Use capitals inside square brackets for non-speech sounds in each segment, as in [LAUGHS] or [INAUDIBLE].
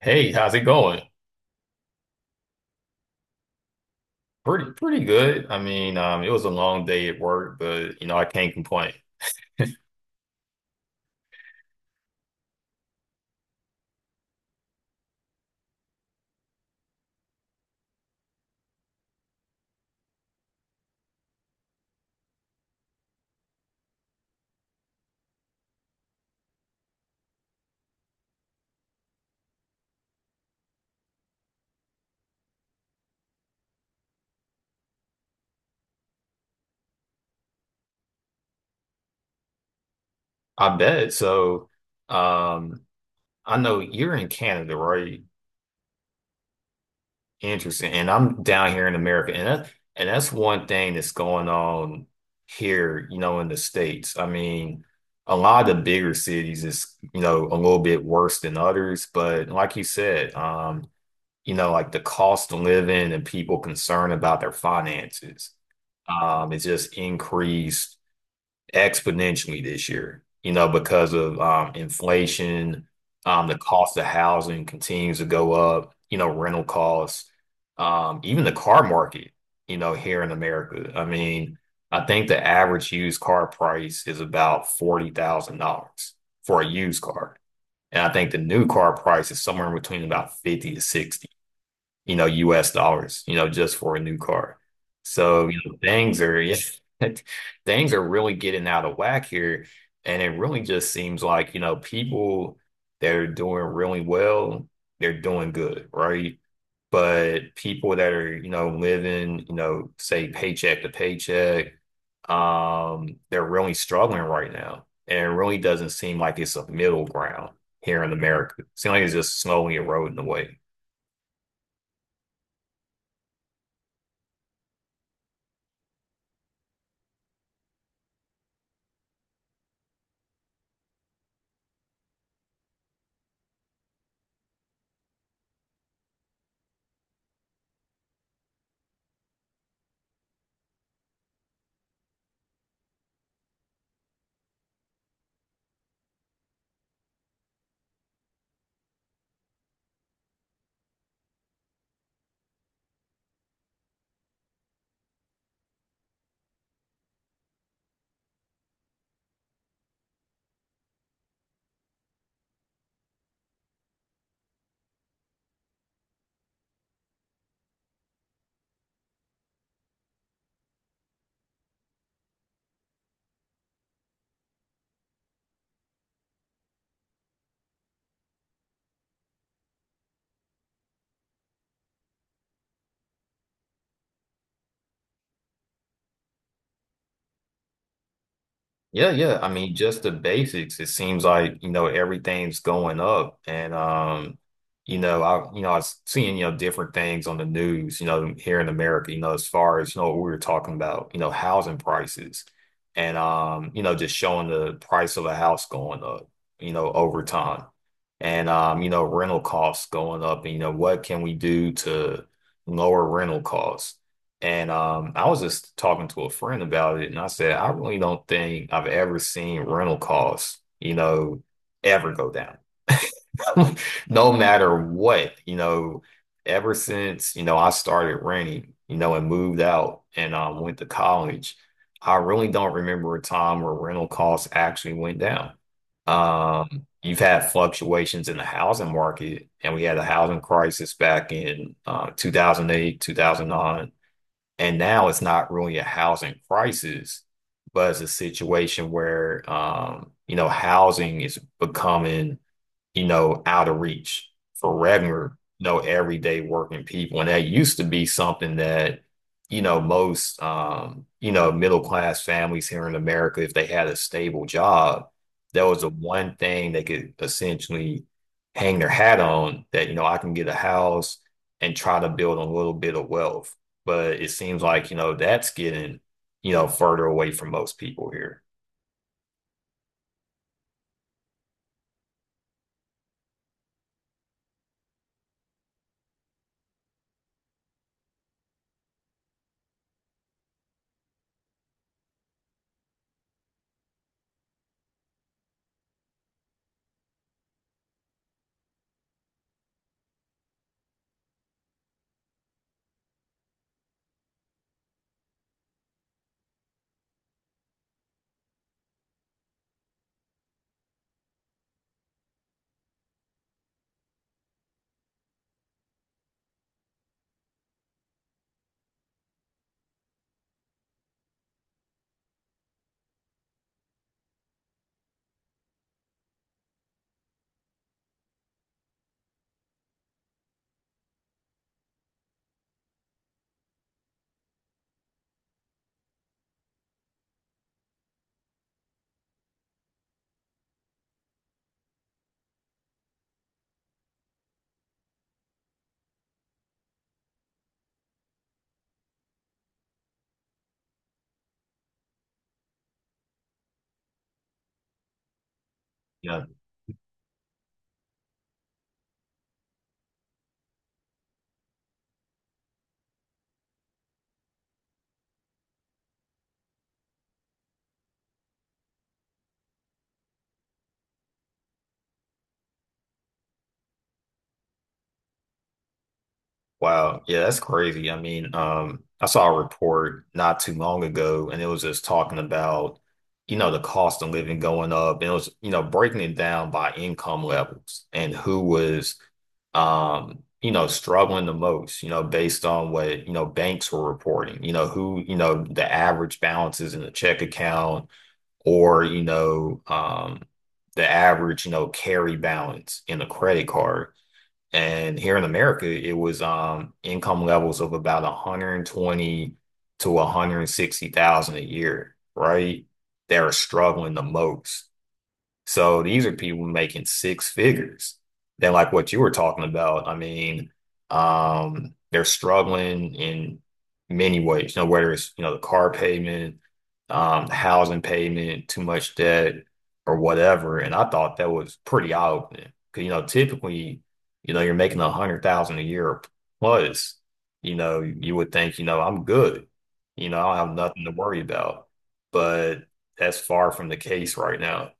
Hey, how's it going? Pretty good. I mean, it was a long day at work, but I can't complain. I bet. So, um, I know you're in Canada, right? Interesting. And I'm down here in America, and that's one thing that's going on here, you know, in the States. I mean, a lot of the bigger cities is, you know, a little bit worse than others, but like you said, like the cost of living and people concerned about their finances. It's just increased exponentially this year, you know, because of inflation, the cost of housing continues to go up, you know, rental costs, even the car market, you know, here in America. I mean, I think the average used car price is about $40,000 for a used car. And I think the new car price is somewhere in between about 50 to 60, you know, US dollars, you know, just for a new car. So, you know, things are [LAUGHS] yeah, things are really getting out of whack here. And it really just seems like, you know, people that are doing really well, they're doing good, right? But people that are, you know, living, you know, say paycheck to paycheck, they're really struggling right now. And it really doesn't seem like it's a middle ground here in America. It seems like it's just slowly eroding away. Yeah, yeah. I mean, just the basics. It seems like, you know, everything's going up. And you know, I was seeing, you know, different things on the news, you know, here in America, you know, as far as, you know, what we were talking about, you know, housing prices and you know, just showing the price of a house going up, you know, over time. And you know, rental costs going up and you know, what can we do to lower rental costs? And I was just talking to a friend about it, and I said, I really don't think I've ever seen rental costs, you know, ever go down, [LAUGHS] no matter what, you know, ever since, you know, I started renting, you know, and moved out and went to college. I really don't remember a time where rental costs actually went down. You've had fluctuations in the housing market, and we had a housing crisis back in 2008, 2009, and now it's not really a housing crisis, but it's a situation where, you know, housing is becoming, you know, out of reach for regular, you know, everyday working people. And that used to be something that, you know, most, you know, middle class families here in America, if they had a stable job, that was the one thing they could essentially hang their hat on that, you know, I can get a house and try to build a little bit of wealth. But it seems like, you know, that's getting, you know, further away from most people here. You know, wow, yeah, that's crazy. I mean, I saw a report not too long ago, and it was just talking about, you know, the cost of living going up, and it was, you know, breaking it down by income levels and who was, you know, struggling the most, you know, based on what, you know, banks were reporting, you know, who, you know, the average balances in the check account or, the average, you know, carry balance in a credit card. And here in America, it was income levels of about 120 to 160,000 a year, right? They're struggling the most. So these are people making six figures. Then, like what you were talking about, I mean, they're struggling in many ways, you know, whether it's, you know, the car payment, housing payment, too much debt, or whatever. And I thought that was pretty eye-opening. Because, you know, typically, you know, you're making 100,000 a year plus, you know, you would think, you know, I'm good. You know, I don't have nothing to worry about. But that's far from the case right now.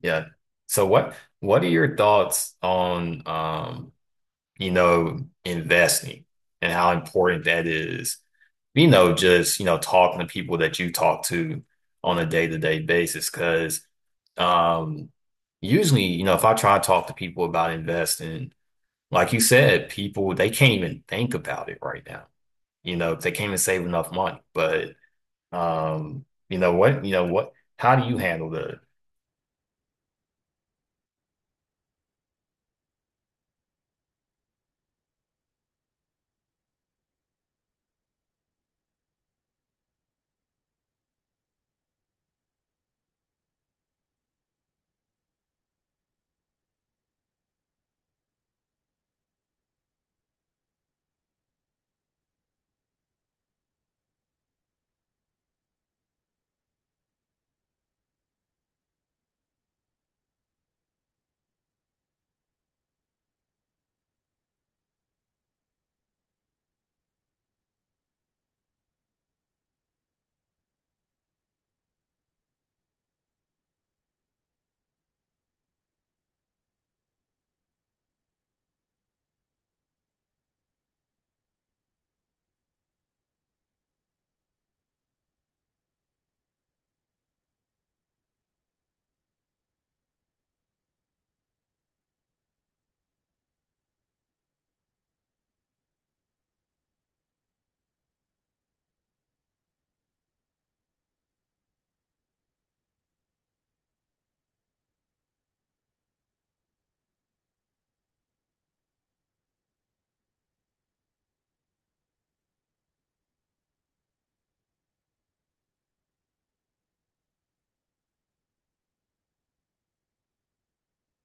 Yeah. So what are your thoughts on you know, investing and how important that is? You know, just, you know, talking to people that you talk to on a day-to-day basis. Cause um usually, you know, if I try to talk to people about investing, like you said, people they can't even think about it right now. You know, they can't even save enough money. But you know what, how do you handle the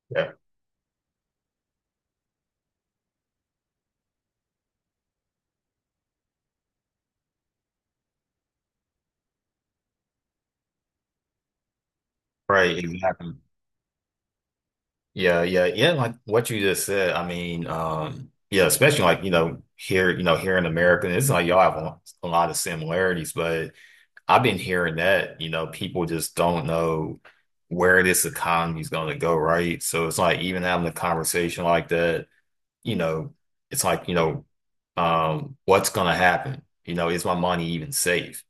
yeah, right, exactly. Yeah, yeah, yeah. Like what you just said, I mean, yeah, especially like, you know, here in America, it's like y'all have a lot of similarities, but I've been hearing that, you know, people just don't know where this economy is going to go, right? So it's like even having a conversation like that, you know, it's like, you know, what's going to happen? You know, is my money even safe?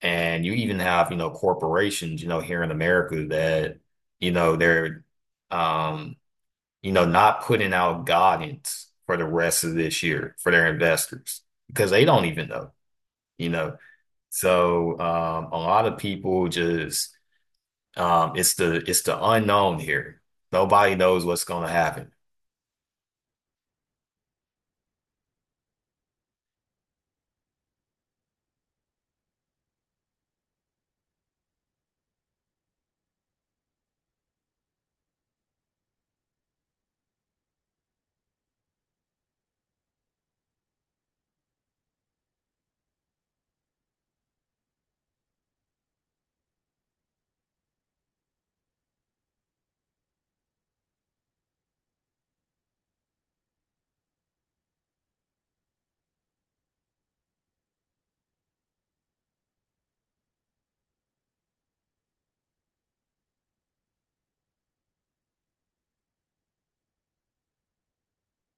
And you even have, you know, corporations, you know, here in America that, you know, they're, um, you know, not putting out guidance for the rest of this year for their investors because they don't even know, you know. So a lot of people just it's the unknown here. Nobody knows what's going to happen.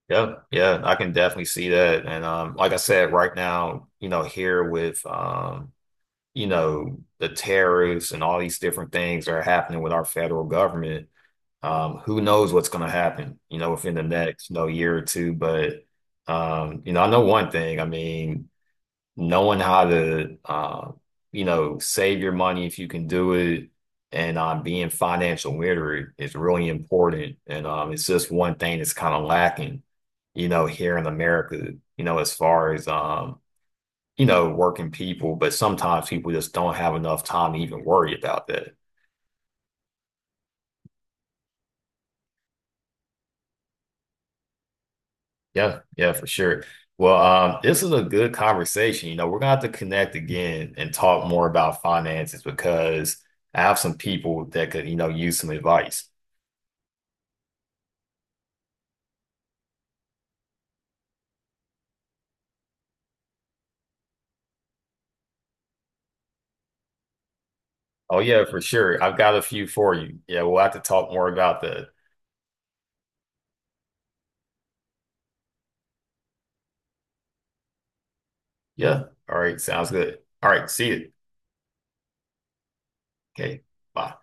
Yeah, yeah, I can definitely see that. And like I said, right now, you know, here with you know, the tariffs and all these different things that are happening with our federal government, who knows what's going to happen, you know, within the next, you know, year or two. But, you know, I know one thing. I mean, knowing how to, you know, save your money if you can do it and being financial literate is really important. And it's just one thing that's kind of lacking, you know, here in America, you know, as far as, you know, working people, but sometimes people just don't have enough time to even worry about that. Yeah, yeah, for sure. Well, this is a good conversation. You know, we're gonna have to connect again and talk more about finances because I have some people that could, you know, use some advice. Oh yeah, for sure. I've got a few for you. Yeah, we'll have to talk more about that. Yeah. All right, sounds good. All right, see you. Okay, bye.